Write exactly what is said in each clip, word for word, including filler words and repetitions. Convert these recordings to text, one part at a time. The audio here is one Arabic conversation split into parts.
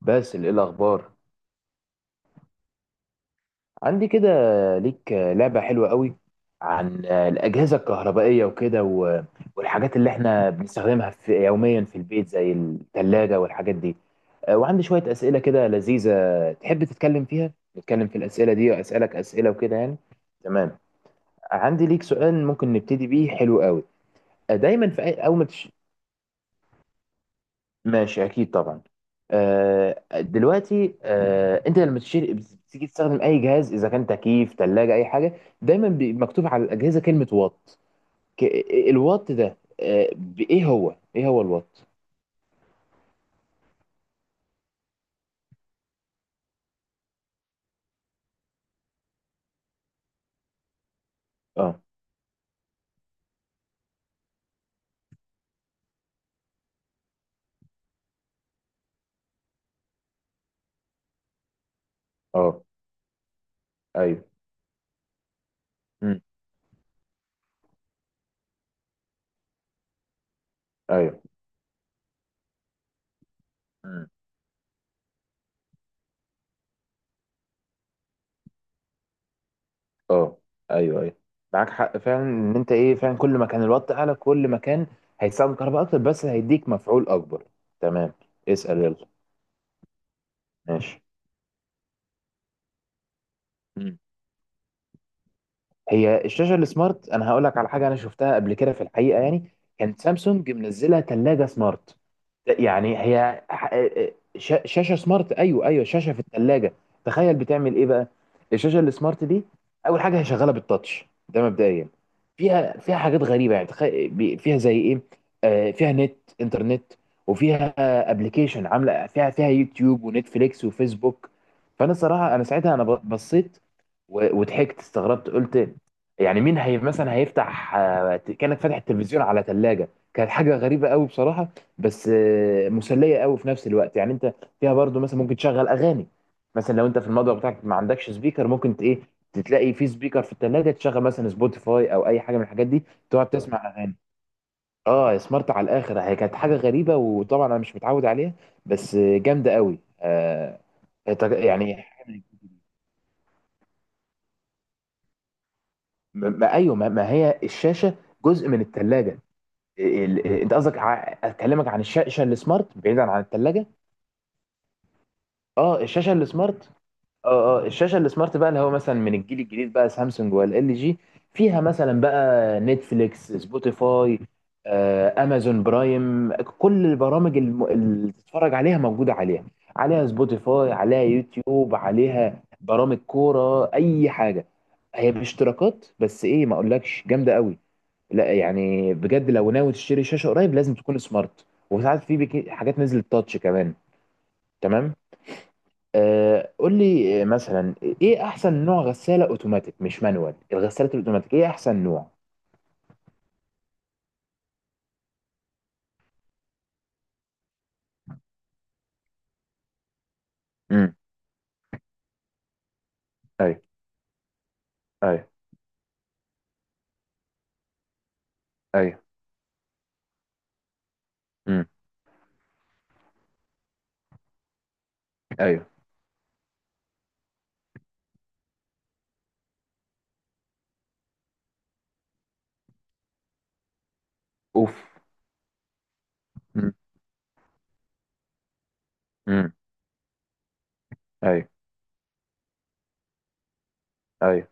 باسل، ايه الاخبار؟ عندي كده ليك لعبه حلوه قوي عن الاجهزه الكهربائيه وكده و- والحاجات اللي احنا بنستخدمها في يوميا في البيت زي الثلاجه والحاجات دي. أه، وعندي شويه اسئله كده لذيذه، تحب تتكلم فيها نتكلم في الاسئله دي واسالك اسئله وكده يعني. تمام. عندي ليك سؤال ممكن نبتدي بيه حلو قوي. أه، دايما في أي- اول ما ماشي اكيد طبعا. آه، دلوقتي آه، انت لما تشتري بتيجي تستخدم اي جهاز اذا كان تكييف ثلاجه اي حاجه دايما بي- مكتوب على الاجهزه كلمه وات ك- الوات ده، آه، ب- ايه هو ايه هو الوات؟ اه، اه، ايوه، امم، ايوه، امم، اه، ايوه، ايوه. معاك حق فعلا، ان انت ايه، فعلا كل ما كان الوات اعلى كل ما كان هيستخدم كهرباء اكتر بس هيديك مفعول اكبر. تمام. اسال يلا. ماشي. هي الشاشه السمارت انا هقول لك على حاجه انا شفتها قبل كده في الحقيقه يعني. كانت سامسونج منزله ثلاجه سمارت. يعني هي ح- آه، آه، شا- شاشه سمارت، ايوه، ايوه، شاشه في الثلاجه. تخيل بتعمل ايه بقى الشاشه السمارت دي؟ اول حاجه هي شغاله بالتاتش ده مبدئيا. فيها فيها حاجات غريبه. يعني تخيل بي- فيها زي ايه؟ آه، فيها نت، انترنت، وفيها ابلكيشن عامله فيها فيها يوتيوب ونتفليكس وفيسبوك. فانا صراحه انا ساعتها انا ب- بصيت و- وضحكت، استغربت، قلت يعني مين هي مثلا هيفتح؟ آه، كانت فاتحة التلفزيون على ثلاجة، كانت حاجة غريبة قوي بصراحة. بس آه، مسلية قوي في نفس الوقت يعني. انت فيها برضو مثلا ممكن تشغل اغاني. مثلا لو انت في المطبخ بتاعك ما عندكش سبيكر ممكن ت- ايه، تلاقي في سبيكر في الثلاجة، تشغل مثلا سبوتيفاي او اي حاجة من الحاجات دي، تقعد تسمع اغاني. اه، سمارت على الاخر. هي كانت حاجة غريبة وطبعا انا مش متعود عليها، بس آه، جامدة قوي آه، يعني. ما ما- ايوه، ما ما هي الشاشة جزء من الثلاجة. ال- انت قصدك ع- اكلمك عن الشاشه السمارت بعيدا عن الثلاجه؟ اه، الشاشه السمارت. اه، اه، الشاشه السمارت بقى اللي هو مثلا من الجيل الجديد بقى سامسونج ولا ال جي، فيها مثلا بقى نتفليكس، سبوتيفاي، آه امازون برايم. كل البرامج الم- اللي تتفرج عليها موجوده عليها. عليها سبوتيفاي، عليها يوتيوب، عليها برامج كوره، اي حاجه. هي باشتراكات بس، ايه ما اقولكش جامده قوي. لا، يعني بجد لو ناوي تشتري شاشه قريب لازم تكون سمارت، وساعات في بك- حاجات نزلت تاتش كمان. تمام. آه قول لي آه، مثلا ايه احسن نوع غساله اوتوماتيك؟ مش مانوال، الغسالات الاوتوماتيك ايه احسن نوع؟ امم، ايوه، ايوه، ايوه، امم، ايوه، اوف، امم، امم، ايوه، ايوه.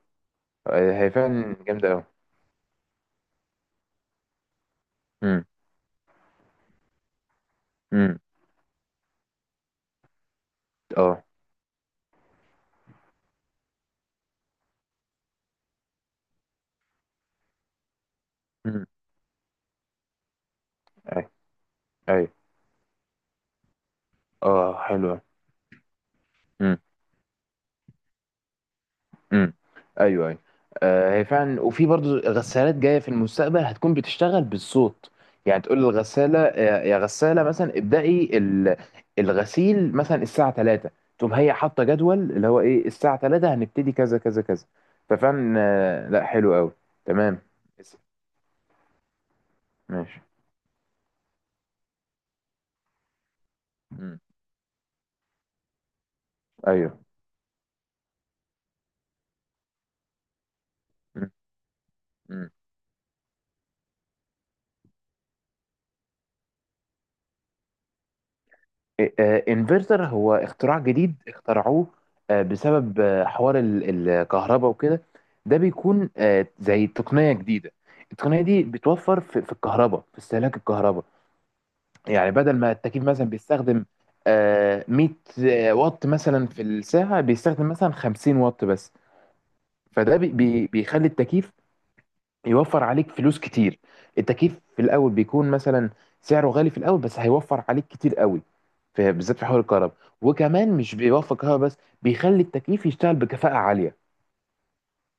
آه، هي فعلا جامده قوي. امم، امم، اه، امم، ايوه، ايوه، اه، حلوه، امم، ايوه، ايوه. آه، هي فعلا. وفي برضو غسالات جايه في المستقبل هتكون بتشتغل بالصوت، يعني تقول للغساله آه، يا غساله مثلا ابدأي ال- الغسيل مثلا الساعه ثلاثة، تقوم هي حاطه جدول اللي هو ايه، الساعه ثلاثة هنبتدي كذا كذا كذا. ففعلا آه، لا، حلو قوي. تمام. ماشي. مم. ايوه. مم. مم. انفرتر هو اختراع جديد اخترعوه آه، بسبب آه، حوار ال- الكهرباء وكده. ده بيكون آه، زي تقنية جديدة. التقنية دي بتوفر في في الكهرباء في استهلاك الكهرباء. يعني بدل ما التكييف مثلا بيستخدم آه، مئة آه، واط مثلا في الساعة، بيستخدم مثلا خمسين واط بس. فده بي- بي- بيخلي التكييف يوفر عليك فلوس كتير. التكييف في الاول بيكون مثلا سعره غالي في الاول، بس هيوفر عليك كتير قوي، في بالذات في حوار الكهرباء. وكمان مش بيوفر كهرباء بس، بيخلي التكييف يشتغل بكفاءة عالية.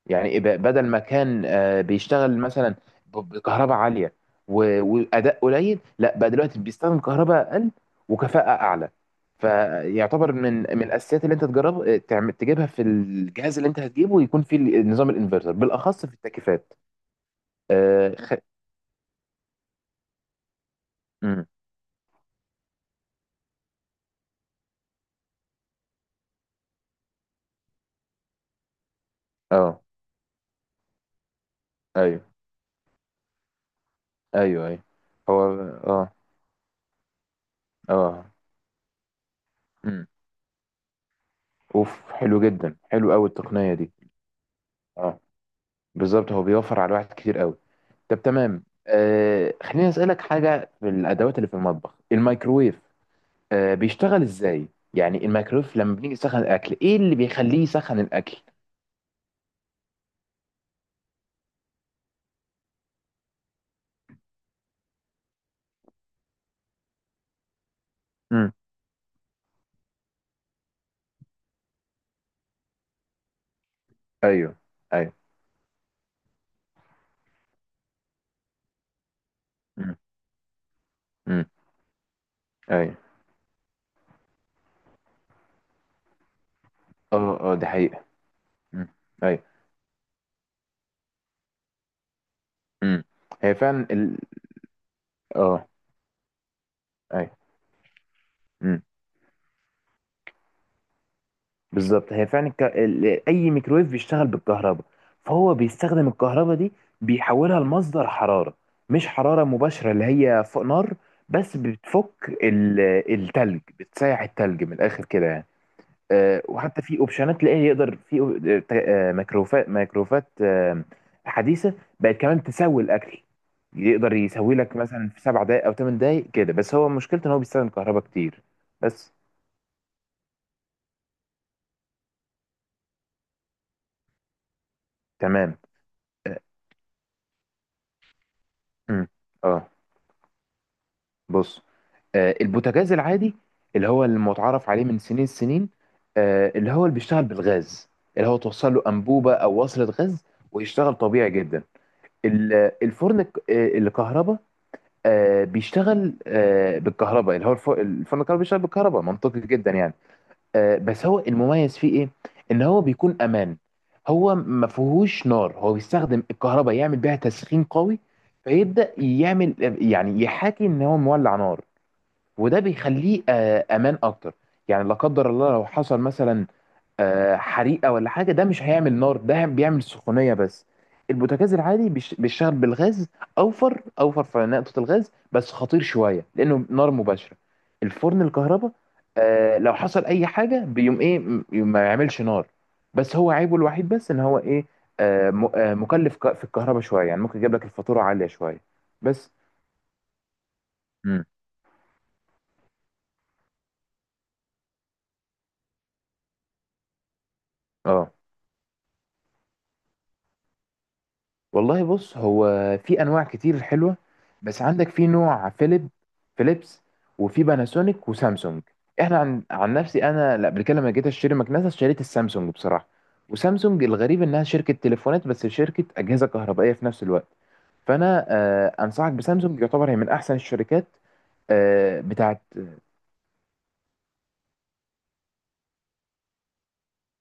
يعني ب- بدل ما كان آه، بيشتغل مثلا ب- بكهرباء عالية و- واداء قليل، لا بقى دلوقتي بيستخدم كهرباء اقل وكفاءة اعلى. فيعتبر من من الاساسيات اللي انت تجرب تعمل تجيبها، في الجهاز اللي انت هتجيبه يكون فيه نظام الانفرتر بالاخص في التكييفات. آه، خ... مم. اه، ايوه، ايوه، ايوه. هو، اه، اه، امم، اوف. حلو جدا، حلو قوي التقنيه دي. اه، بالظبط، هو بيوفر على الواحد كتير قوي. طب تمام، آه خليني اسالك حاجه في الادوات اللي في المطبخ، الميكروويف آه بيشتغل ازاي؟ يعني الميكروويف لما بنيجي نسخن الاكل ايه اللي بيخليه يسخن الاكل؟ امم، ايوه، ايوه، امم، امم، ايوه. اه، اه، دي حقيقه. امم، ايوه، امم. هي فعلا ال... اه، ايوه. بالظبط، هي فعلا الك... ال- اي ميكرويف بيشتغل بالكهرباء، فهو بيستخدم الكهرباء دي بيحولها لمصدر حراره. مش حراره مباشره اللي هي فوق نار، بس بتفك ال... التلج، بتسيح التلج من الاخر كده يعني. آه، وحتى في اوبشنات تلاقيه يقدر في أو- آه، ت- آه، ميكروفات ميكروفات آه، حديثه، بقت كمان تسوي الاكل، يقدر يسوي لك مثلا في سبع دقائق او ثمان دقائق كده، بس هو مشكلته ان هو بيستخدم كهرباء كتير بس. تمام. آه، أمم. اه بص، آه، البوتاجاز العادي اللي هو المتعارف عليه من سنين السنين، آه، اللي هو اللي بيشتغل بالغاز، اللي هو توصل له انبوبه او وصله غاز ويشتغل طبيعي جدا. ال- الفرن الك- آه، الكهرباء، آه، بيشتغل آه، بالكهرباء، اللي هو الف- الفرن الكهرباء بيشتغل بالكهرباء منطقي جدا يعني. آه، بس هو المميز فيه ايه؟ ان هو بيكون امان. هو ما فيهوش نار، هو بيستخدم الكهرباء يعمل بيها تسخين قوي، فيبدأ يعمل، يعني يحاكي ان هو مولع نار. وده بيخليه آه، امان اكتر. يعني لا قدر الله لو حصل مثلا آه، حريقه ولا حاجه، ده مش هيعمل نار، ده بيعمل سخونيه بس. البوتاجاز العادي بيش- بيشتغل بالغاز، اوفر اوفر في نقطه الغاز، بس خطير شويه لانه نار مباشره. الفرن الكهرباء آه، لو حصل اي حاجه بيقوم ايه، م- ما يعملش نار. بس هو عيبه الوحيد بس ان هو ايه؟ آه، م- آه، مكلف ك- في الكهرباء شويه، يعني ممكن يجيب لك الفاتوره عاليه شويه بس. مم. اه، والله بص، هو في انواع كتير حلوه، بس عندك في نوع فيليب، فيليبس، وفي باناسونيك وسامسونج. احنا عن, عن نفسي انا، لا، قبل كده لما جيت اشتري مكنسه اشتريت السامسونج بصراحه. وسامسونج الغريب انها شركه تليفونات بس شركه اجهزه كهربائيه في نفس الوقت. فانا آه انصحك بسامسونج، يعتبر هي من احسن الشركات، آه بتاعت.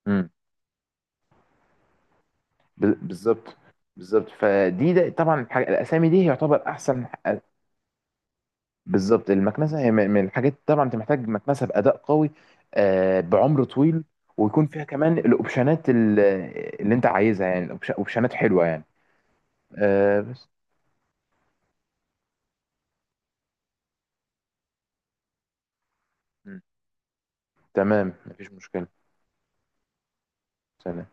مم، ب- بالظبط، بالظبط. فدي ده طبعا، الح- الاسامي دي يعتبر احسن آه، بالظبط. المكنسه هي من من الحاجات طبعا، انت محتاج مكنسه باداء قوي، آه، بعمر طويل، ويكون فيها كمان الاوبشنات ال- اللي انت عايزها، يعني الأوبش- اوبشنات حلوه يعني. آه، بس م. تمام، مفيش مشكله. سلام.